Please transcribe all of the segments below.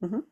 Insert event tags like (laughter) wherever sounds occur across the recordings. Mhm.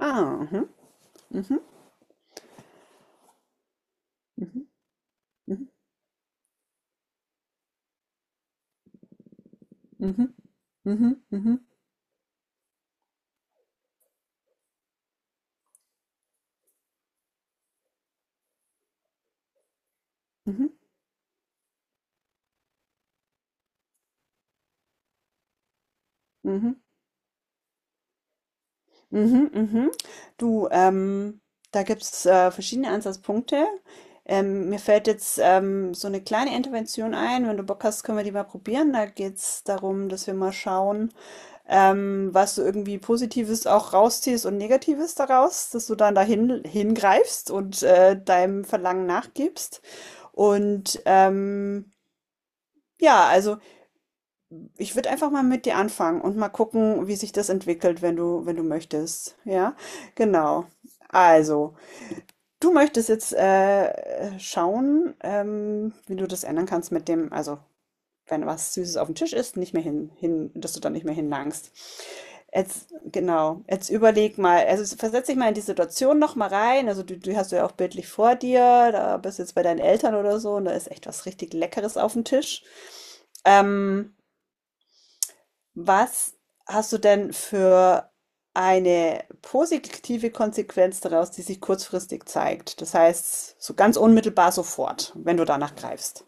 Ah, mhm. Mhm. Mhm. Mhm. Mhm. Mhm. Mhm. Mhm. Mhm. Mhm. Mhm. Du, da gibt es verschiedene Ansatzpunkte. Mir fällt jetzt so eine kleine Intervention ein. Wenn du Bock hast, können wir die mal probieren. Da geht es darum, dass wir mal schauen, was du irgendwie Positives auch rausziehst und Negatives daraus, dass du dann dahin hingreifst und deinem Verlangen nachgibst. Und ja, also. Ich würde einfach mal mit dir anfangen und mal gucken, wie sich das entwickelt, wenn du, möchtest. Ja, genau. Also, du möchtest jetzt schauen, wie du das ändern kannst mit dem, also wenn was Süßes auf dem Tisch ist, nicht mehr hin, dass du da nicht mehr hinlangst. Jetzt, genau, jetzt überleg mal, also versetz dich mal in die Situation noch mal rein. Also du hast du ja auch bildlich vor dir, da bist du jetzt bei deinen Eltern oder so und da ist echt was richtig Leckeres auf dem Tisch. Ähm, Was hast du denn für eine positive Konsequenz daraus, die sich kurzfristig zeigt? Das heißt, so ganz unmittelbar sofort, wenn du danach greifst.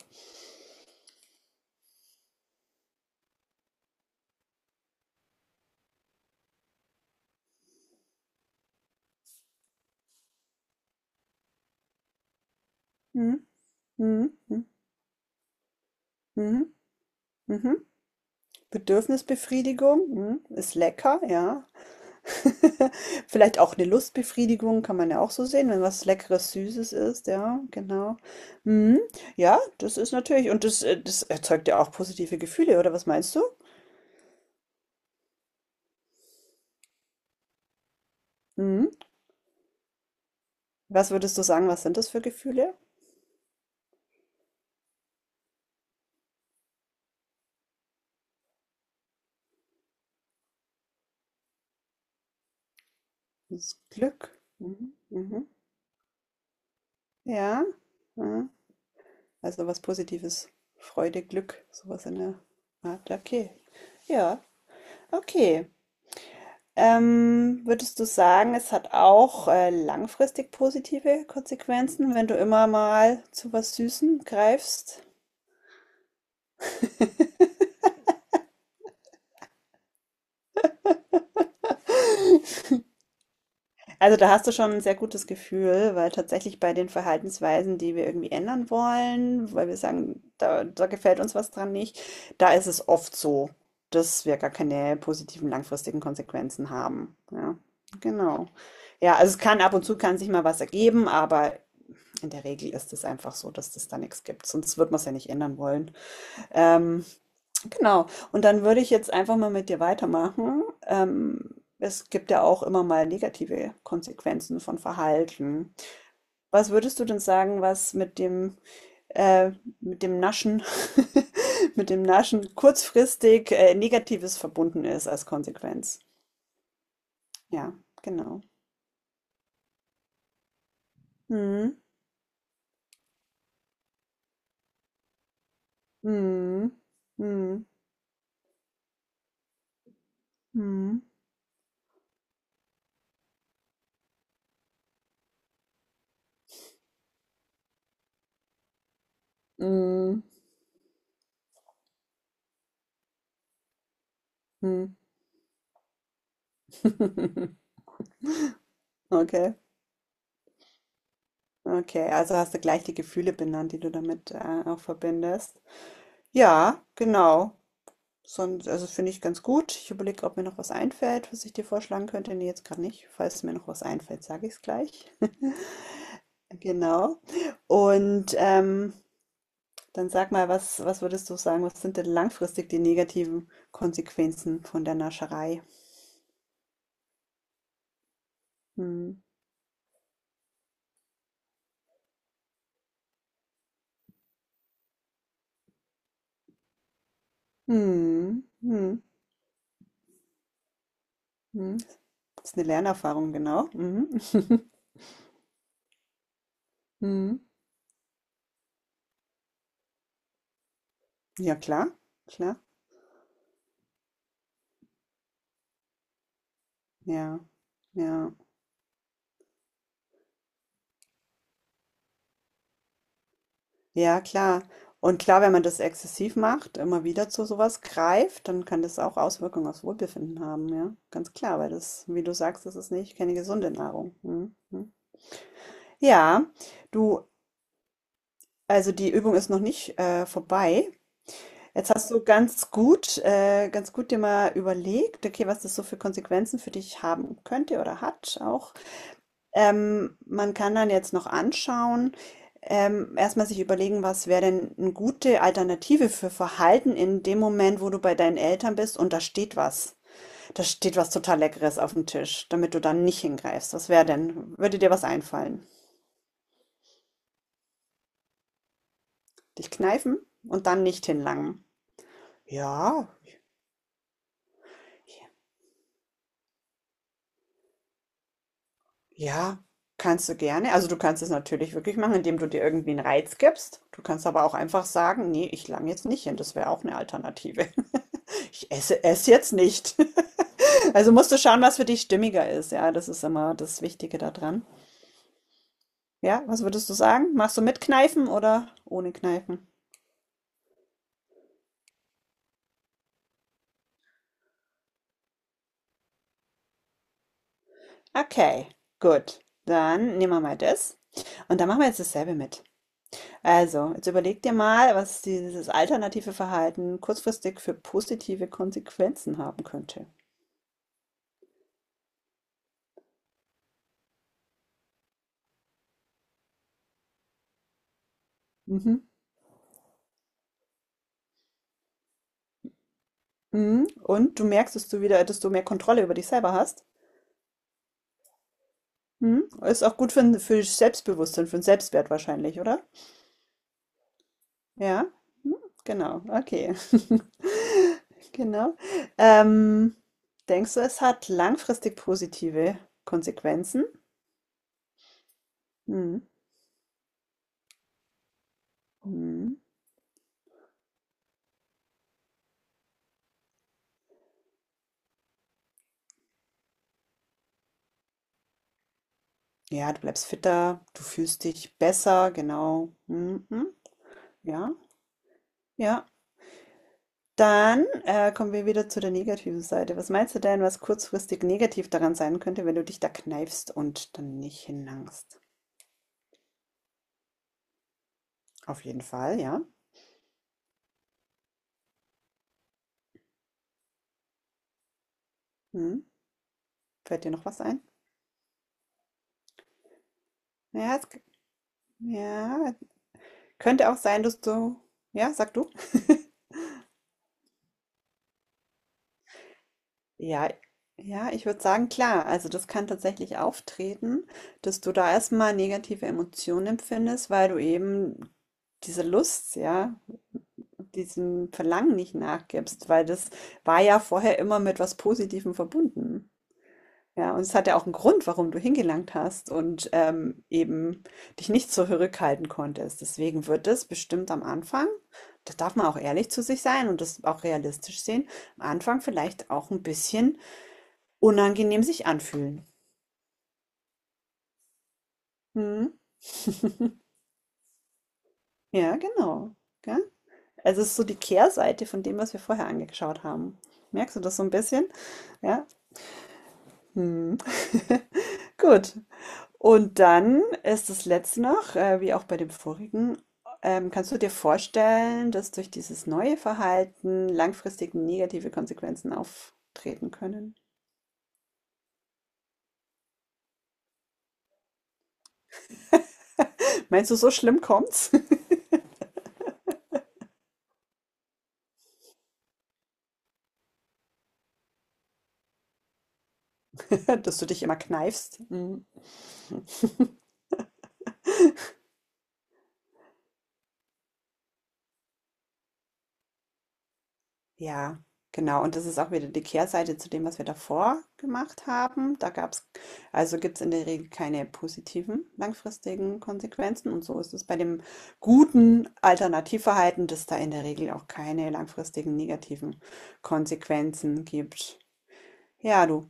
Mhm. Mhm. Mhm. Mhm. Mhm. Bedürfnisbefriedigung, mhm. Ist lecker, ja. (laughs) Vielleicht auch eine Lustbefriedigung, kann man ja auch so sehen, wenn was Leckeres, Süßes ist, ja, genau. Mhm. Ja, das ist natürlich, und das erzeugt ja auch positive Gefühle, oder was meinst du? Mhm. Was würdest du sagen, was sind das für Gefühle? Das Glück. Mhm. Mhm. Ja. Mhm. Also was Positives. Freude, Glück, sowas in der Art. Okay. Ja, okay. Würdest du sagen, es hat auch langfristig positive Konsequenzen, wenn du immer mal zu was Süßem greifst? Also da hast du schon ein sehr gutes Gefühl, weil tatsächlich bei den Verhaltensweisen, die wir irgendwie ändern wollen, weil wir sagen, da gefällt uns was dran nicht, da ist es oft so, dass wir gar keine positiven langfristigen Konsequenzen haben. Ja, genau. Ja, also es kann ab und zu kann sich mal was ergeben, aber in der Regel ist es einfach so, dass das da nichts gibt, sonst würde es ja nicht ändern wollen. Ähm, Genau. Und dann würde ich jetzt einfach mal mit dir weitermachen. Es gibt ja auch immer mal negative Konsequenzen von Verhalten. Was würdest du denn sagen, was äh, mit dem Naschen, (laughs) mit dem Naschen kurzfristig, Negatives verbunden ist als Konsequenz? Ja, genau. Mhm. Mhm. Mhm. Mhm. Mhm. Mhm. (laughs) Okay. Okay, also hast du gleich die Gefühle benannt, die du damit auch verbindest. Ja, genau. Sonst, also finde ich ganz gut. Ich überlege, ob mir noch was einfällt, was ich dir vorschlagen könnte. Nee, jetzt gerade nicht. Falls mir noch was einfällt, sage ich es gleich. (laughs) Genau. Und dann sag mal, was würdest du sagen, was sind denn langfristig die negativen Konsequenzen von der Nascherei? Hm. Hm. Hm. Hm. Das ist eine Lernerfahrung, genau. Mhm. (laughs) Hm. Ja, klar, klar. Ja, ja. Ja, klar. Und klar, wenn man das exzessiv macht, immer wieder zu sowas greift, dann kann das auch Auswirkungen aufs Wohlbefinden haben, ja. Ganz klar, weil das, wie du sagst, das ist nicht keine gesunde Nahrung. Mhm. Mhm. Ja, du, also die Übung ist noch nicht vorbei. Jetzt hast du ganz gut dir mal überlegt, okay, was das so für Konsequenzen für dich haben könnte oder hat auch. Man kann dann jetzt noch anschauen, erstmal sich überlegen, was wäre denn eine gute Alternative für Verhalten in dem Moment, wo du bei deinen Eltern bist und da steht was. Da steht was total Leckeres auf dem Tisch, damit du dann nicht hingreifst. Was wäre denn? Würde dir was einfallen? Dich kneifen und dann nicht hinlangen. Ja, ja, kannst du gerne. Also du kannst es natürlich wirklich machen, indem du dir irgendwie einen Reiz gibst. Du kannst aber auch einfach sagen, nee, ich lang jetzt nicht hin. Das wäre auch eine Alternative. Ich esse es jetzt nicht. (laughs) Also musst du schauen, was für dich stimmiger ist. Ja, das ist immer das Wichtige daran. Ja, was würdest du sagen? Machst du mit Kneifen oder ohne Kneifen? Okay, gut. Dann nehmen wir mal das. Und dann machen wir jetzt dasselbe mit. Also, jetzt überleg dir mal, was dieses alternative Verhalten kurzfristig für positive Konsequenzen haben könnte. Mhm. Mhm. Und du merkst, dass du mehr Kontrolle über dich selber hast. Mhm. Ist auch gut für Selbstbewusstsein, für den Selbstwert wahrscheinlich, oder? Ja, hm, genau, okay. (laughs) Genau. Ähm, Denkst du, es hat langfristig positive Konsequenzen? Hm. Hm. Ja, du bleibst fitter, du fühlst dich besser, genau. Hm, hm. Ja, ja. Dann kommen wir wieder zu der negativen Seite. Was meinst du denn, was kurzfristig negativ daran sein könnte, wenn du dich da kneifst und dann nicht hinlangst? Auf jeden Fall, ja. Hm. Fällt dir noch was ein? Ja, es, ja, könnte auch sein, dass du, ja, sag du. Ja. Ja, ich würde sagen, klar, also das kann tatsächlich auftreten, dass du da erst mal negative Emotionen empfindest, weil du eben diese Lust, ja, diesem Verlangen nicht nachgibst, weil das war ja vorher immer mit was Positivem verbunden. Ja, und es hat ja auch einen Grund, warum du hingelangt hast und, eben dich nicht zurückhalten konntest. Deswegen wird es bestimmt am Anfang, da darf man auch ehrlich zu sich sein und das auch realistisch sehen, am Anfang vielleicht auch ein bisschen unangenehm sich anfühlen. Mhm. Ja, genau, gell? Also, es ist so die Kehrseite von dem, was wir vorher angeschaut haben. Merkst du das so ein bisschen? Ja? Mhm. (laughs) Gut. Und dann ist das letzte noch, wie auch bei dem vorigen, kannst du dir vorstellen, dass durch dieses neue Verhalten langfristig negative Konsequenzen auftreten können? Meinst du, so schlimm kommt's, (laughs) dass du dich immer kneifst? Mm. Ja, genau. Und das ist auch wieder die Kehrseite zu dem, was wir davor gemacht haben. Da gab's, also gibt es in der Regel keine positiven langfristigen Konsequenzen. Und so ist es bei dem guten Alternativverhalten, dass da in der Regel auch keine langfristigen negativen Konsequenzen gibt. Ja, du.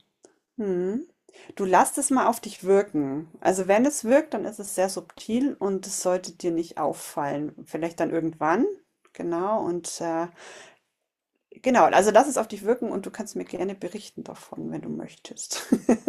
Hm. Du lass es mal auf dich wirken. Also wenn es wirkt, dann ist es sehr subtil und es sollte dir nicht auffallen. Vielleicht dann irgendwann, genau, und genau, also lass es auf dich wirken und du kannst mir gerne berichten davon, wenn du möchtest. (laughs)